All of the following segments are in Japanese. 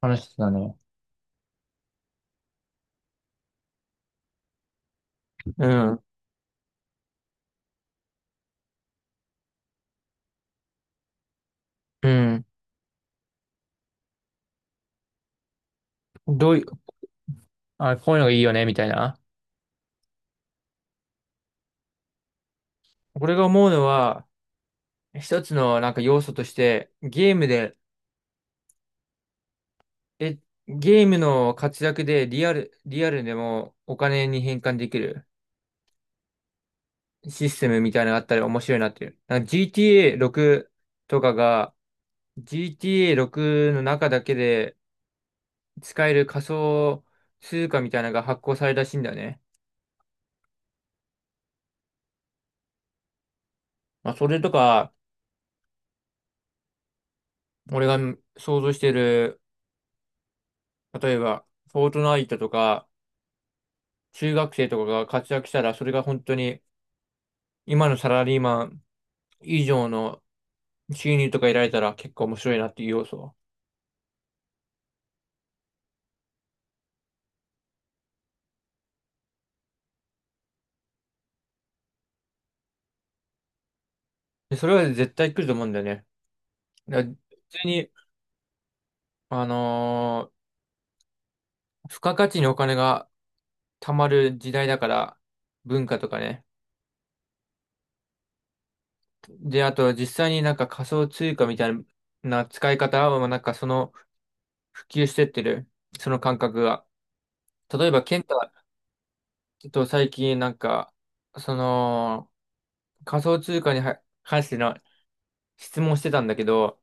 話してたね。うん。うん。どういう、あ、こういうのがいいよね、みたいな。俺が思うのは、一つのなんか要素として、ゲームで、え、ゲームの活躍でリアルでもお金に変換できるシステムみたいなのがあったら面白いなっていう。なんか GTA6 とかが、GTA6 の中だけで使える仮想通貨みたいなのが発行されたらしいんだよね。まあ、それとか、俺が想像してる例えば、フォートナイトとか、中学生とかが活躍したら、それが本当に、今のサラリーマン以上の収入とか得られたら結構面白いなっていう要素。で、それは絶対来ると思うんだよね。だから普通に、あのー付加価値にお金が貯まる時代だから、文化とかね。で、あと実際になんか仮想通貨みたいな使い方は、なんかその普及してってる、その感覚が。例えば、ケンタと最近なんか、その、仮想通貨には関しての質問してたんだけど、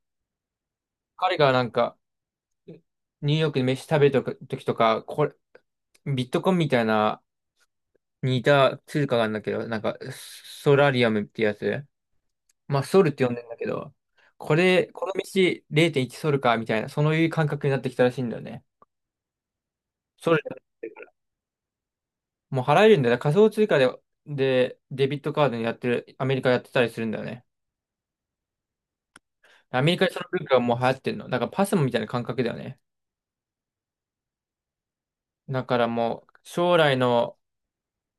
彼がなんか、ニューヨークで飯食べた時とか、これ、ビットコインみたいな似た通貨があるんだけど、なんか、ソラリアムってやつ。まあ、ソルって呼んでんだけど、これ、この道0.1ソルか、みたいな、そういう感覚になってきたらしいんだよね。ソル、もう払えるんだよね。仮想通貨で、デビットカードにやってる、アメリカやってたりするんだよね。アメリカでその文化がもう流行ってるの。だからパスモみたいな感覚だよね。だからもう、将来の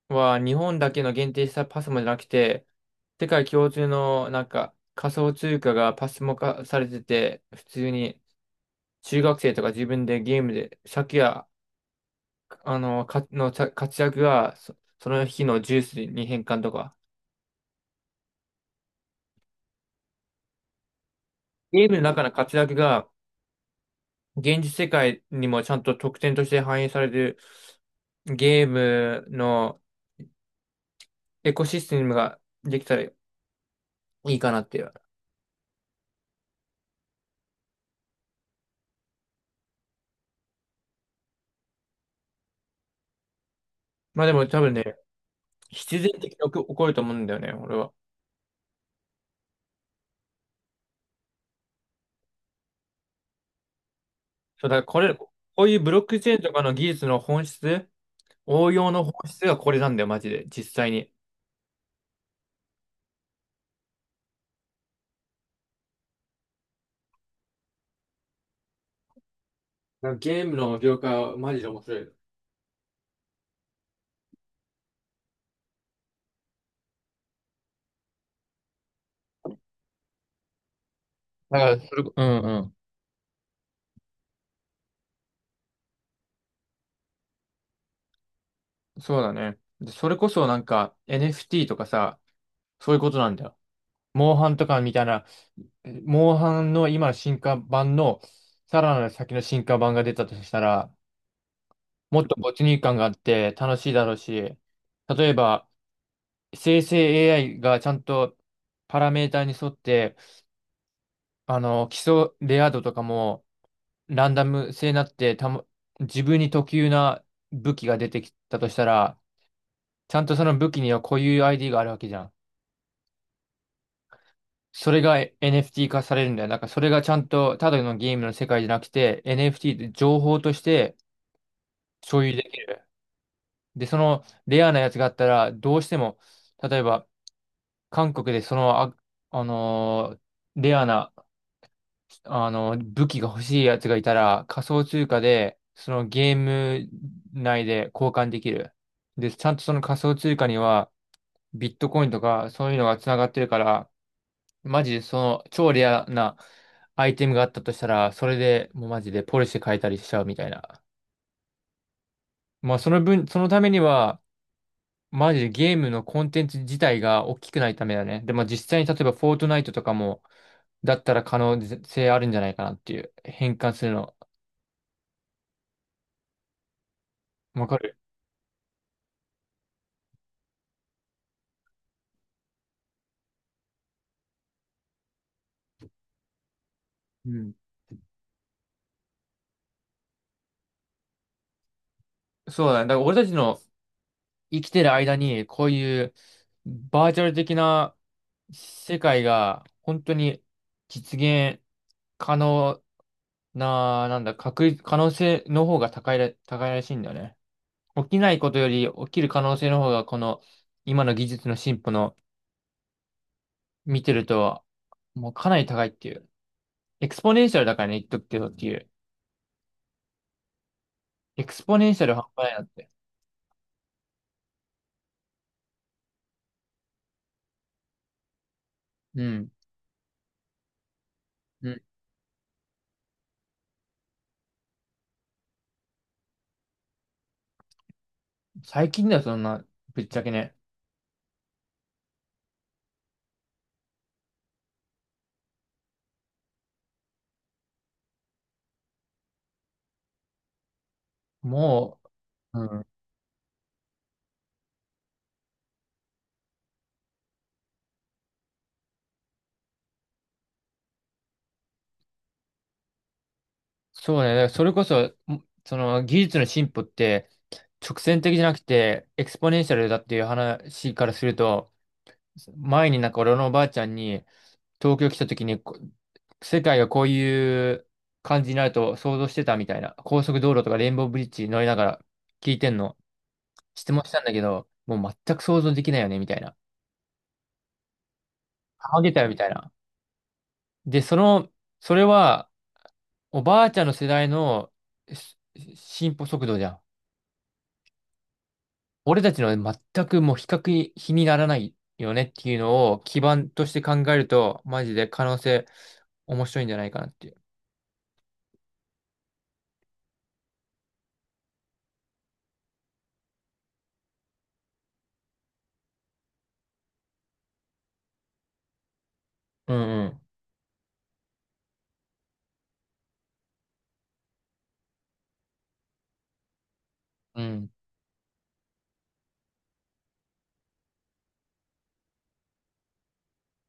は日本だけの限定したパスモじゃなくて、世界共通のなんか仮想通貨がパスモ化されてて、普通に中学生とか自分でゲームで、借や、か、のちゃ活躍がその日のジュースに変換とか、ゲームの中の活躍が現実世界にもちゃんと特典として反映されるゲームのエコシステムができたらいいかなっていう。まあでも多分ね、必然的に起こると思うんだよね、俺は。そうだからこれ、こういうブロックチェーンとかの技術の本質、応用の本質がこれなんだよ、マジで、実際に。なんかゲームの業界はマジで面白い。だからそれこ、うんうん。そうだね。でそれこそなんか NFT とかさ、そういうことなんだよ。モンハンとかみたいな、モンハンの今の進化版の、さらなる先の進化版が出たとしたら、もっと没入感があって楽しいだろうし、例えば、生成 AI がちゃんとパラメーターに沿って、基礎レア度とかもランダム性になってたも、自分に特有な武器が出てきたとしたら、ちゃんとその武器には固有 ID があるわけじゃん。それが NFT 化されるんだよ。なんかそれがちゃんとただのゲームの世界じゃなくて NFT って情報として所有できる。で、そのレアなやつがあったらどうしても、例えば韓国でその、あのーレアな武器が欲しいやつがいたら、仮想通貨で、そのゲーム内で交換できる。で、ちゃんとその仮想通貨には、ビットコインとか、そういうのが繋がってるから、マジでその、超レアなアイテムがあったとしたら、それでもうマジでポリシェ変えたりしちゃうみたいな。まあ、その分、そのためには、マジでゲームのコンテンツ自体が大きくないためだね。でも実際に例えばフォートナイトとかも、だったら可能性あるんじゃないかなっていう。変換するの。わかる。うん。そうだね。だから俺たちの生きてる間に、こういうバーチャル的な世界が本当に実現可能な、なんだ、確率、可能性の方が高いらしいんだよね。起きないことより起きる可能性の方が、この今の技術の進歩の見てると、もうかなり高いっていう。エクスポネンシャルだからね、言っとくけどっていう。エクスポネンシャル半端ないなって。うん。うん。最近だよ、そんな、ぶっちゃけね。もう、うん、そうね。だからそれこそ、その技術の進歩って直線的じゃなくてエクスポネンシャルだっていう話からすると、前になんか俺のおばあちゃんに東京来た時にこ世界がこういう感じになると想像してたみたいな、高速道路とかレインボーブリッジ乗りながら聞いてんの質問したんだけど、もう全く想像できないよねみたいな。あげたよみたいな。で、その、それはおばあちゃんの世代のし進歩速度じゃん。俺たちの全くもう比較に比にならないよねっていうのを基盤として考えると、マジで可能性面白いんじゃないかなっていう。うんうん。うん、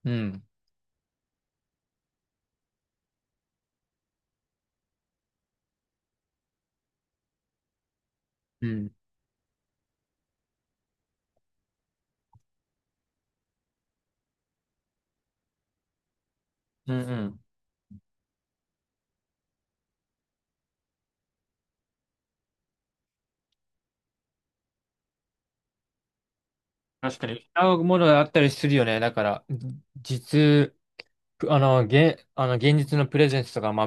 うん、うん、うんうん。確かに。合うものがあったりするよね。だから、じ実、現実のプレゼンスとか、まあ、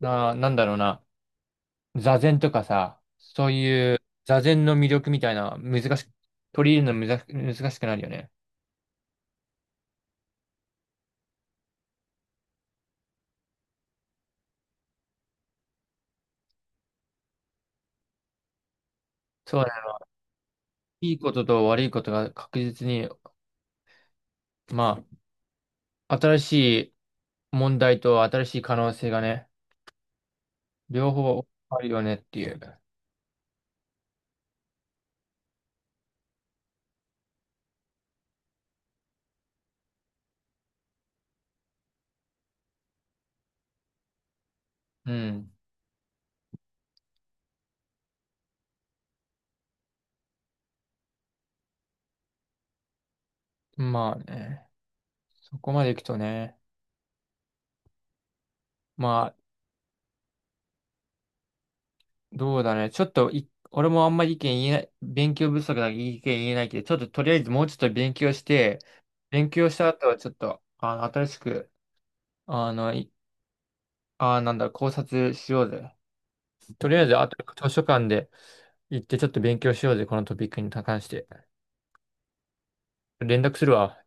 なんだろうな。座禅とかさ、そういう座禅の魅力みたいな、難しく、取り入れるの難しくなるよね。そうだね。いいことと悪いことが確実に、まあ、新しい問題と新しい可能性がね、両方あるよねっていう。うん。まあね、そこまでいくとね、まあ、どうだね。ちょっとい、俺もあんまり意見言えない、勉強不足だから意見言えないけど、ちょっととりあえずもうちょっと勉強して、勉強した後はちょっと、新しく、あの、ああ、なんだ、考察しようぜ。とりあえず、あと図書館で行ってちょっと勉強しようぜ、このトピックに関して。連絡するわ。